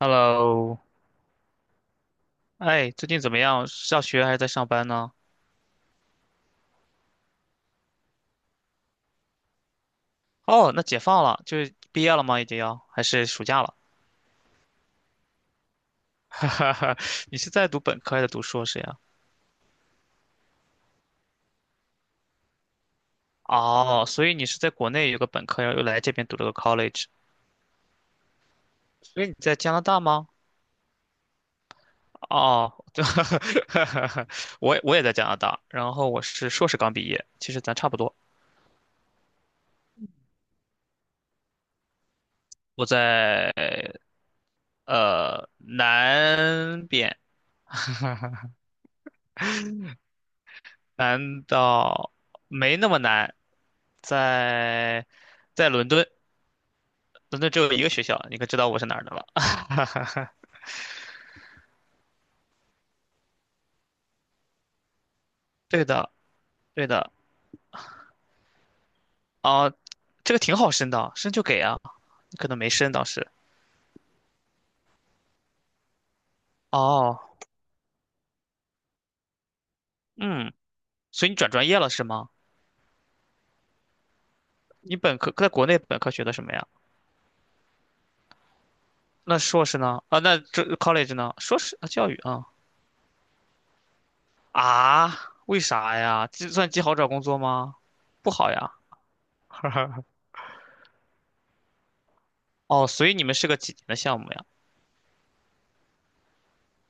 Hello，哎，最近怎么样？上学还是在上班呢？哦，那解放了，就是毕业了吗？已经要，还是暑假了？哈哈你是在读本科还是读硕士呀？哦，所以你是在国内有个本科，然后又来这边读了个 college，所以你在加拿大吗？哦，对，我也在加拿大，然后我是硕士刚毕业，其实咱差不多。我在南边，难道没那么难？在在伦敦，伦敦只有一个学校，你可知道我是哪儿的了？对的，对的。哦，这个挺好申的，申就给啊。你可能没申当时。哦，嗯，所以你转专业了是吗？你本科在国内本科学的什么呀？那硕士呢？啊，那这 college 呢？硕士啊，教育啊啊？为啥呀？计算机好找工作吗？不好呀。哦，所以你们是个几年的项目呀？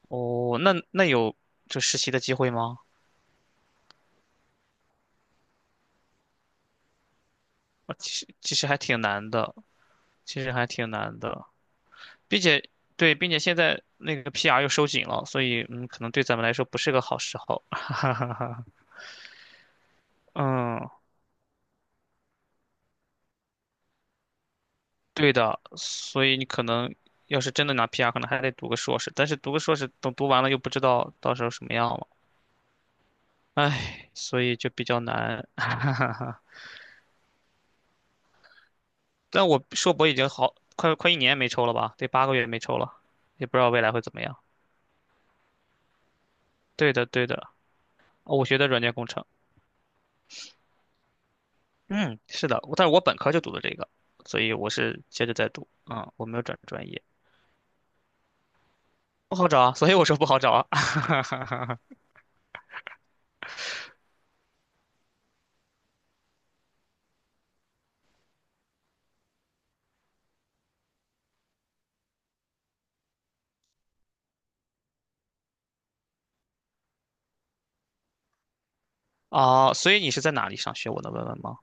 哦，那有这实习的机会吗？啊，其实还挺难的，其实还挺难的，并且对，并且现在那个 PR 又收紧了，所以可能对咱们来说不是个好时候。嗯，对的，所以你可能要是真的拿 PR，可能还得读个硕士，但是读个硕士等读完了又不知道到时候什么样了，唉，所以就比较难。但我硕博已经好快一年没抽了吧，得8个月没抽了，也不知道未来会怎么样。对的，对的。哦我学的软件工程，嗯，是的，但是我本科就读的这个，所以我是接着在读，嗯，我没有转专业，不好找啊，所以我说不好找啊，哦，所以你是在哪里上学？我能问问吗？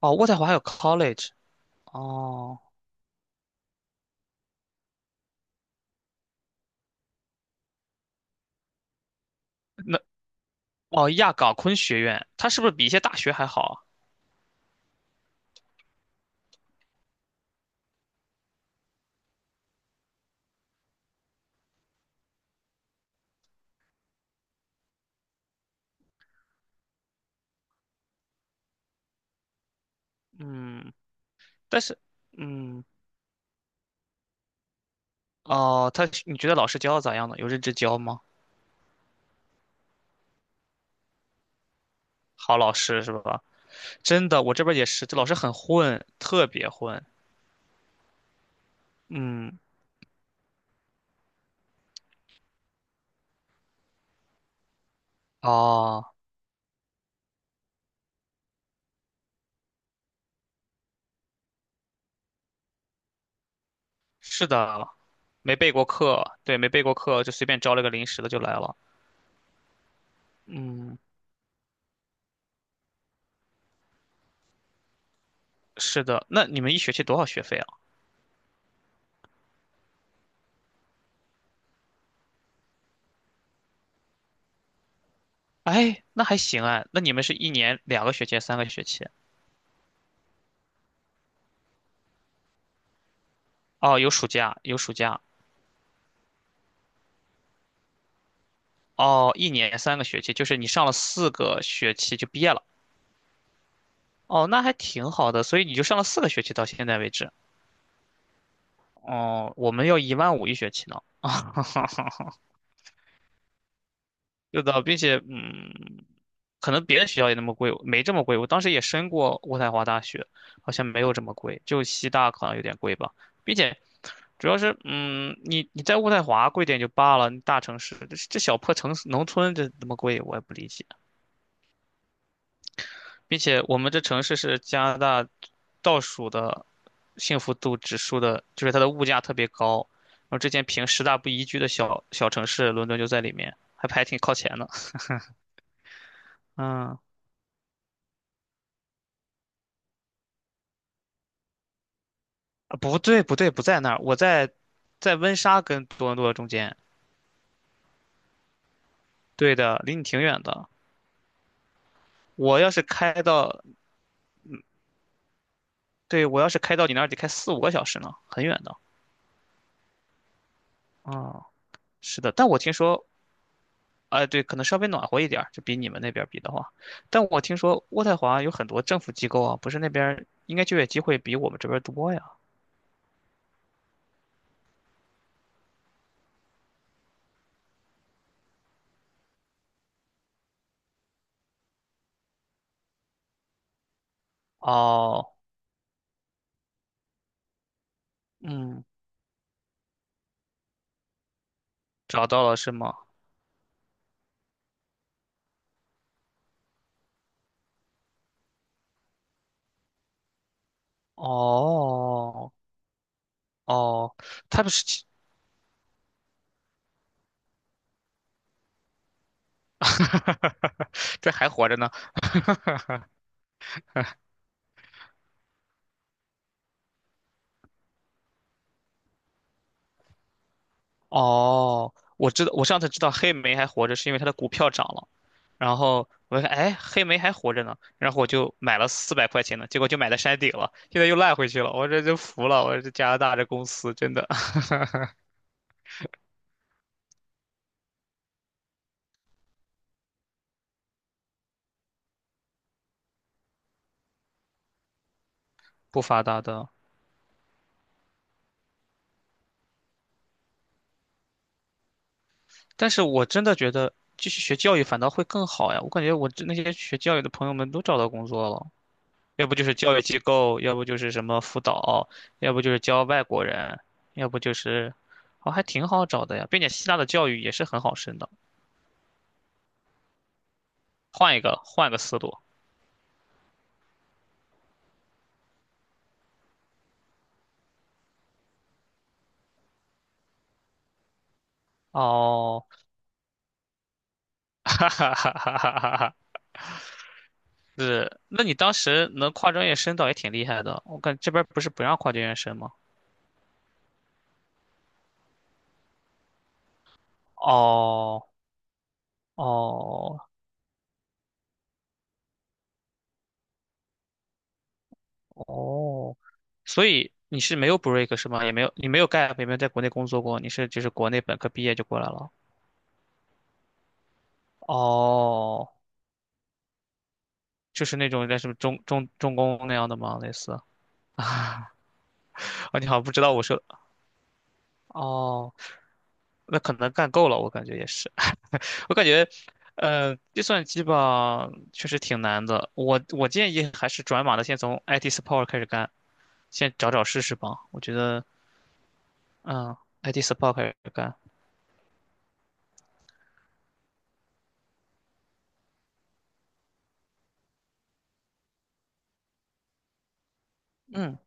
哦，渥太华还有 college，哦，那哦亚冈昆学院，它是不是比一些大学还好啊嗯，但是，嗯，哦，他你觉得老师教的咋样呢？有认真教吗？好老师是吧？真的，我这边也是，这老师很混，特别混，嗯，哦，是的。没备过课，对，没备过课，就随便招了个临时的就来了。嗯，是的。那你们一学期多少学费啊？哎，那还行哎。那你们是一年两个学期，三个学期？哦，有暑假，有暑假。哦，一年三个学期，就是你上了四个学期就毕业了。哦，那还挺好的，所以你就上了四个学期到现在为止。哦，我们要1万5一学期呢。是的，并且可能别的学校也那么贵，没这么贵。我当时也申过渥太华大学，好像没有这么贵，就西大可能有点贵吧。并且主要是你在渥太华贵点就罢了，你大城市这小破城市农村这那么贵，我也不理解。并且我们这城市是加拿大倒数的幸福度指数的，就是它的物价特别高。然后之前评十大不宜居的小小城市，伦敦就在里面，还排挺靠前的。嗯。啊，不对，不对，不在那儿，我在温莎跟多伦多中间。对的，离你挺远的。我要是开到，对，我要是开到你那儿得开4、5个小时呢，很远的。啊、是的，但我听说，哎、对，可能稍微暖和一点儿，就比你们那边儿比的话。但我听说渥太华有很多政府机构啊，不是那边儿应该就业机会比我们这边儿多呀。哦，嗯，找到了是吗？哦哦，他不是 这还活着呢。哦，我知道，我上次知道黑莓还活着，是因为它的股票涨了。然后我一看，哎，黑莓还活着呢，然后我就买了400块钱的，结果就买在山顶了，现在又烂回去了，我这就服了，我这加拿大这公司真的 不发达的。但是我真的觉得继续学教育反倒会更好呀，我感觉我这那些学教育的朋友们都找到工作了，要不就是教育机构，要不就是什么辅导，要不就是教外国人，要不就是，哦，还挺好找的呀，并且希腊的教育也是很好升的。换一个，换个思路。哦，哈哈哈哈哈哈哈！是，那你当时能跨专业申到也挺厉害的。我感这边儿不是不让跨专业申吗？哦哦哦，所以你是没有 break 是吗？也没有，你没有干，也没有在国内工作过，你是就是国内本科毕业就过来了。哦，就是那种在什么中重工那样的吗？类似啊，啊你好像不知道我说哦，那可能干够了，我感觉也是。我感觉，计算机吧，确实挺难的。我建议还是转码的，先从 IT support 开始干，先找找试试吧。我觉得，嗯，IT support 开始干，嗯，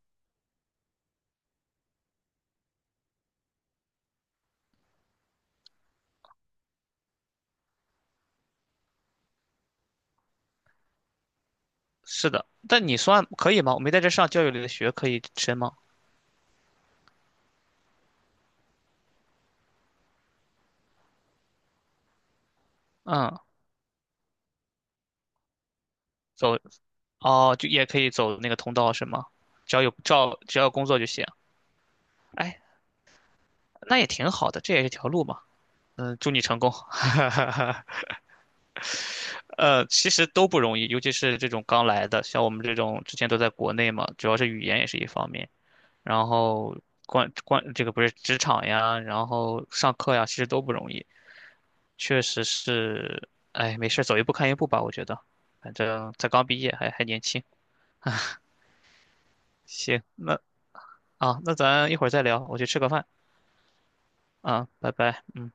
是的。但你算可以吗？我没在这上教育类的学，可以申吗？嗯，走，哦，就也可以走那个通道是吗？只要有照，只要有工作就行。哎，那也挺好的，这也是条路嘛。嗯，祝你成功。其实都不容易，尤其是这种刚来的，像我们这种之前都在国内嘛，主要是语言也是一方面，然后关这个不是职场呀，然后上课呀，其实都不容易，确实是，哎，没事儿走一步看一步吧，我觉得，反正才刚毕业，还年轻。行，那咱一会儿再聊，我去吃个饭啊，拜拜。嗯。